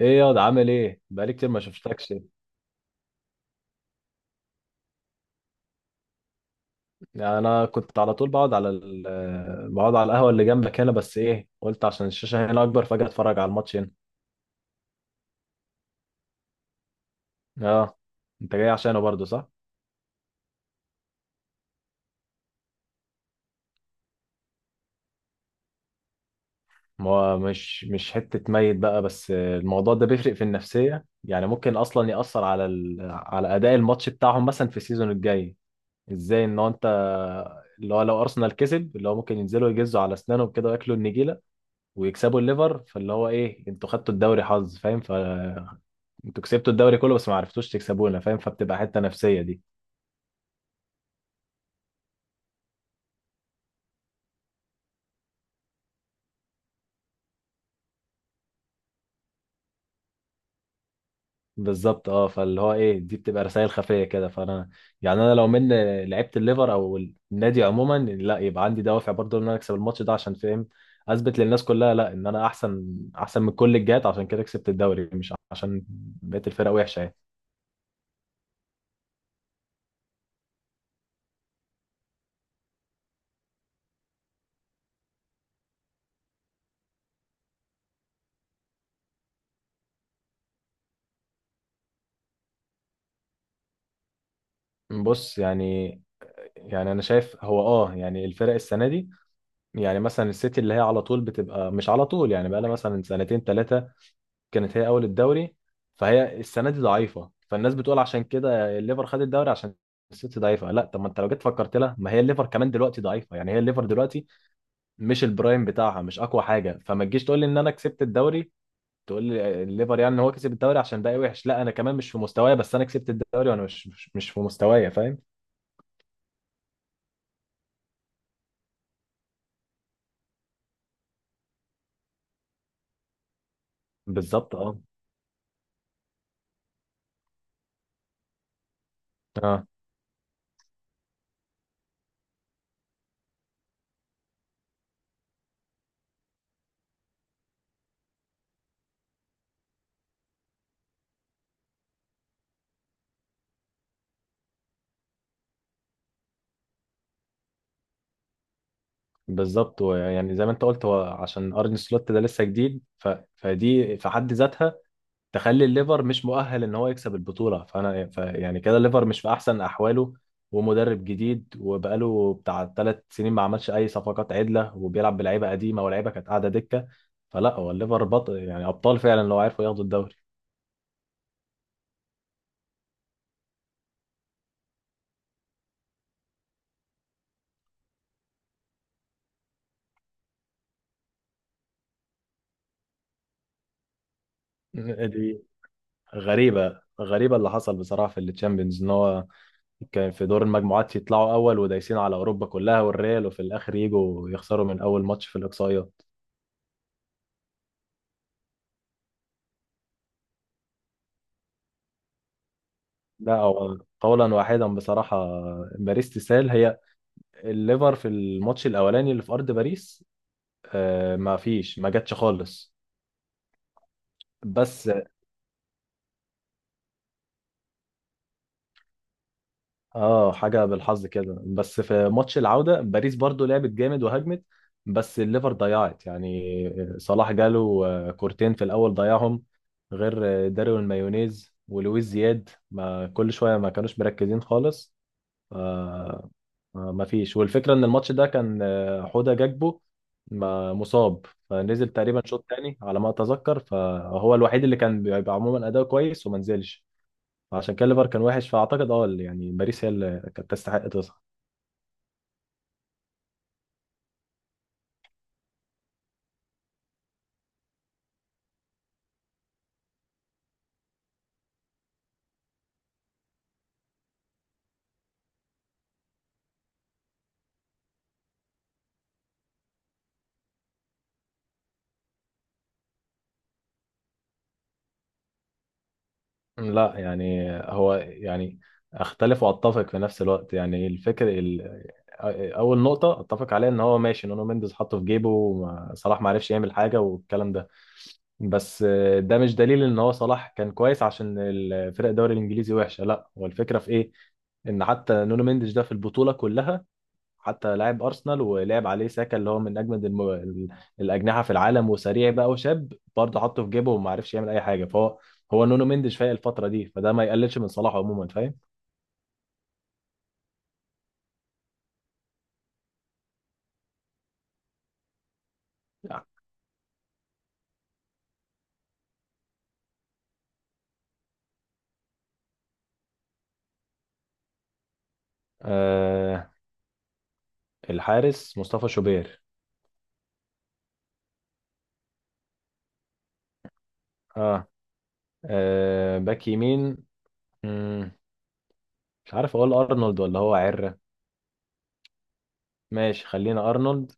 ايه ياض، عامل ايه؟ بقالي كتير ما شفتكش. يعني انا كنت على طول بقعد على ال... آه، بقعد على القهوه اللي جنبك هنا، بس ايه، قلت عشان الشاشه هنا اكبر فجاه اتفرج على الماتش هنا. اه. انت جاي عشانه برضه، صح؟ ما هو مش حته ميت بقى، بس الموضوع ده بيفرق في النفسيه، يعني ممكن اصلا ياثر على اداء الماتش بتاعهم مثلا في السيزون الجاي. ازاي ان هو انت، اللي هو لو ارسنال كسب، اللي هو ممكن ينزلوا يجزوا على اسنانهم كده وياكلوا النجيله ويكسبوا الليفر، فاللي هو ايه، انتوا خدتوا الدوري حظ، فاهم؟ انتوا كسبتوا الدوري كله بس ما عرفتوش تكسبونا، فاهم؟ فبتبقى حته نفسيه دي. بالظبط اه، فاللي هو ايه، دي بتبقى رسائل خفيه كده، فانا يعني انا لو من لعيبه الليفر او النادي عموما، لا، يبقى عندي دوافع برضه ان انا اكسب الماتش ده، عشان، فاهم، اثبت للناس كلها لا، ان انا احسن، احسن من كل الجهات، عشان كده كسبت الدوري، مش عشان بقيه الفرق وحشه يعني. بص، يعني يعني انا شايف هو اه، يعني الفرق السنه دي، يعني مثلا السيتي، اللي هي على طول بتبقى، مش على طول يعني، بقى لها مثلا سنتين ثلاثه كانت هي اول الدوري، فهي السنه دي ضعيفه، فالناس بتقول عشان كده الليفر خد الدوري عشان السيتي ضعيفه. لا، طب ما انت لو جيت فكرت لها، ما هي الليفر كمان دلوقتي ضعيفه، يعني هي الليفر دلوقتي مش البرايم بتاعها، مش اقوى حاجه، فما تجيش تقول لي ان انا كسبت الدوري، تقول لي الليفر يعني إن هو كسب الدوري عشان باقي وحش، لا انا كمان مش في مستواي، بس انا كسبت الدوري، وانا مش في مستواي، فاهم؟ بالظبط اه. اه بالظبط، ويعني زي ما انت قلت، هو عشان ارن سلوت ده لسه جديد فدي في حد ذاتها تخلي الليفر مش مؤهل ان هو يكسب البطوله، فانا يعني كده الليفر مش في احسن احواله، ومدرب جديد وبقاله بتاع ثلاث سنين ما عملش اي صفقات عدله، وبيلعب بلعيبه قديمه ولاعيبه كانت قاعده دكه، فلا، هو الليفر بطل، يعني ابطال فعلا لو عرفوا ياخدوا الدوري. دي غريبه، غريبه اللي حصل بصراحه في التشامبيونز، ان هو كان في دور المجموعات يطلعوا اول ودايسين على اوروبا كلها والريال، وفي الاخر يجوا يخسروا من اول ماتش في الاقصائيات. لا، هو قولا واحدا بصراحه، باريس تسال، هي الليفر في الماتش الاولاني اللي في ارض باريس آه، ما فيش، ما جاتش خالص. بس اه، حاجه بالحظ كده. بس في ماتش العوده باريس برضو لعبت جامد وهجمت، بس الليفر ضيعت، يعني صلاح جاله كورتين في الاول ضيعهم، غير دارون مايونيز ولويس زياد ما كل شويه ما كانوش مركزين خالص. آه. آه، ما فيش. والفكرة ان الماتش ده كان حوده جاكبو مصاب، فنزل تقريبا شوط تاني على ما اتذكر، فهو الوحيد اللي كان بيبقى عموما اداؤه كويس وما نزلش. فعشان كده ليفر كان وحش، فاعتقد اه يعني باريس هي اللي كانت تستحق تصعد. لا يعني، هو يعني اختلف واتفق في نفس الوقت، يعني اول نقطة اتفق عليها ان هو ماشي، نونو مينديز حطه في جيبه صلاح ما عرفش يعمل حاجة والكلام ده، بس ده مش دليل ان هو صلاح كان كويس عشان الفرق الدوري الانجليزي وحشه، لا، هو الفكره في ايه، ان حتى نونو مينديش ده في البطوله كلها، حتى لاعب ارسنال ولعب عليه ساكا، اللي هو من اجمد الاجنحه في العالم، وسريع بقى وشاب برضه، حطه في جيبه وما عرفش يعمل اي حاجه، فهو هو نونو مينديش فايق الفتره دي، فده ما يقللش من صلاح عموما، فاهم؟ آه الحارس مصطفى شوبير. اه, باك يمين، مم، مش عارف اقول ارنولد ولا هو عره. ماشي، خلينا ارنولد.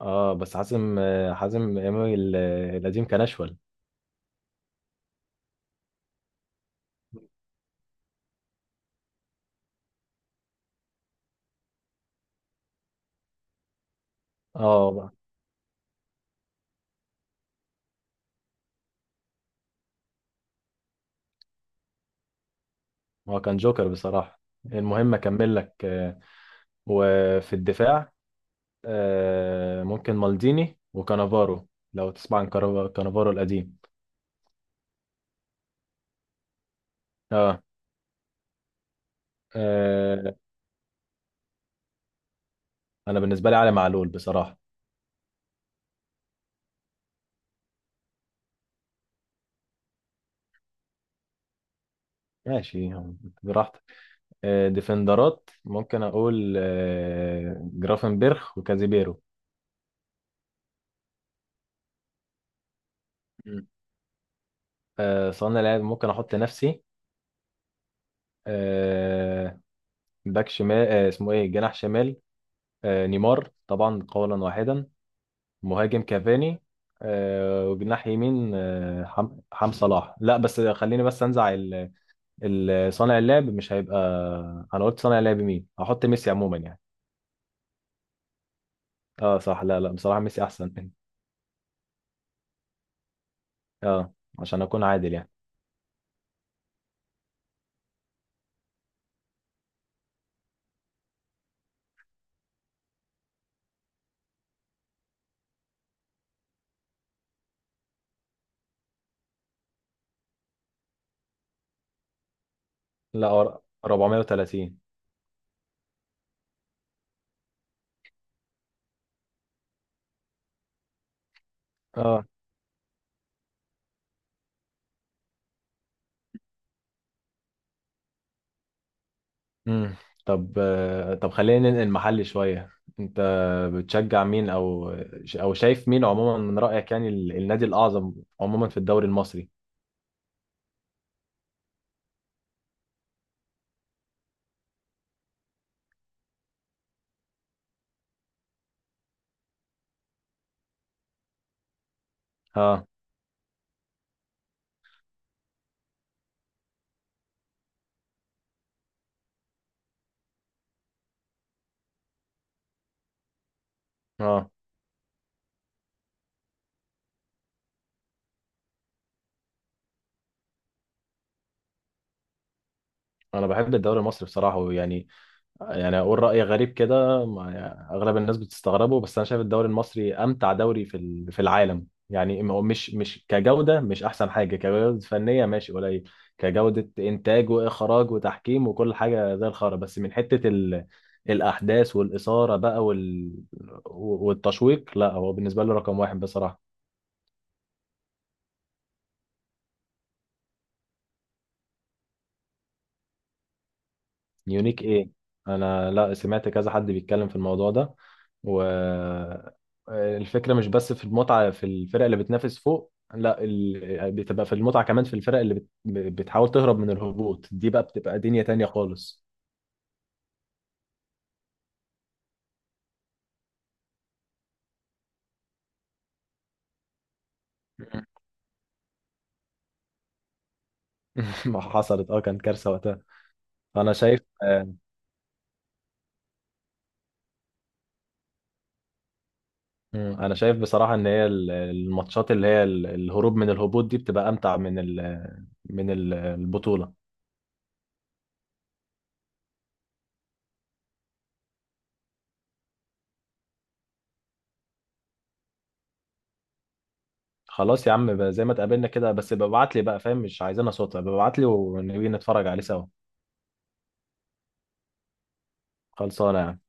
اه، بس حازم امام القديم كان اشول. اه، هو كان جوكر بصراحه. المهم، اكمل لك. وفي الدفاع، ممكن مالديني وكانافارو، لو تسمع عن كانافارو القديم. اه آه، انا بالنسبه لي علي معلول بصراحه. ماشي، براحتك. ديفندرات ممكن اقول جرافنبرخ وكازيبيرو. مم. صانع لعب ممكن احط نفسي. آه، باك شمال، اسمه ايه، جناح شمال، نيمار طبعا قولا واحدا. مهاجم كافاني، وجناح يمين آه، حم حم صلاح. لا بس خليني بس انزع صانع اللعب، مش هيبقى، انا قلت صانع اللعب مين، هحط ميسي عموما يعني. اه صح، لا لا، بصراحة ميسي احسن. اه، عشان اكون عادل يعني. لا 430. اه. مم. طب طب خلينا ننقل محلي شوية. انت بتشجع مين، او شايف مين عموما من رأيك يعني النادي الأعظم عموما في الدوري المصري؟ ها. ها، انا بحب الدوري المصري بصراحة، يعني يعني اقول راي غريب كده، يعني اغلب الناس بتستغربه، بس انا شايف الدوري المصري امتع دوري في العالم، يعني ما هو مش كجوده، مش احسن حاجه كجوده فنيه، ماشي قليل، كجوده انتاج واخراج وتحكيم وكل حاجه زي الخرا، بس من حته الاحداث والاثاره بقى والتشويق، لا، هو بالنسبه لي رقم واحد بصراحه. يونيك ايه؟ انا لا، سمعت كذا حد بيتكلم في الموضوع ده. والفكرة مش بس في المتعة في الفرق اللي بتنافس فوق، لا، بتبقى في المتعة كمان في الفرق اللي بتحاول تهرب من الهبوط، دي بقى بتبقى دنيا تانية خالص. مم. ما حصلت، اه، كان كارثة وقتها. انا شايف مم. انا شايف بصراحة ان هي الماتشات اللي هي الهروب من الهبوط دي بتبقى امتع من البطولة. خلاص يا عم بقى، زي ما اتقابلنا كده، بس ابقى ابعت لي بقى، فاهم، مش عايزينها صوت، ابقى ابعت لي ونبي نتفرج عليه سوا. خلصانة يعني.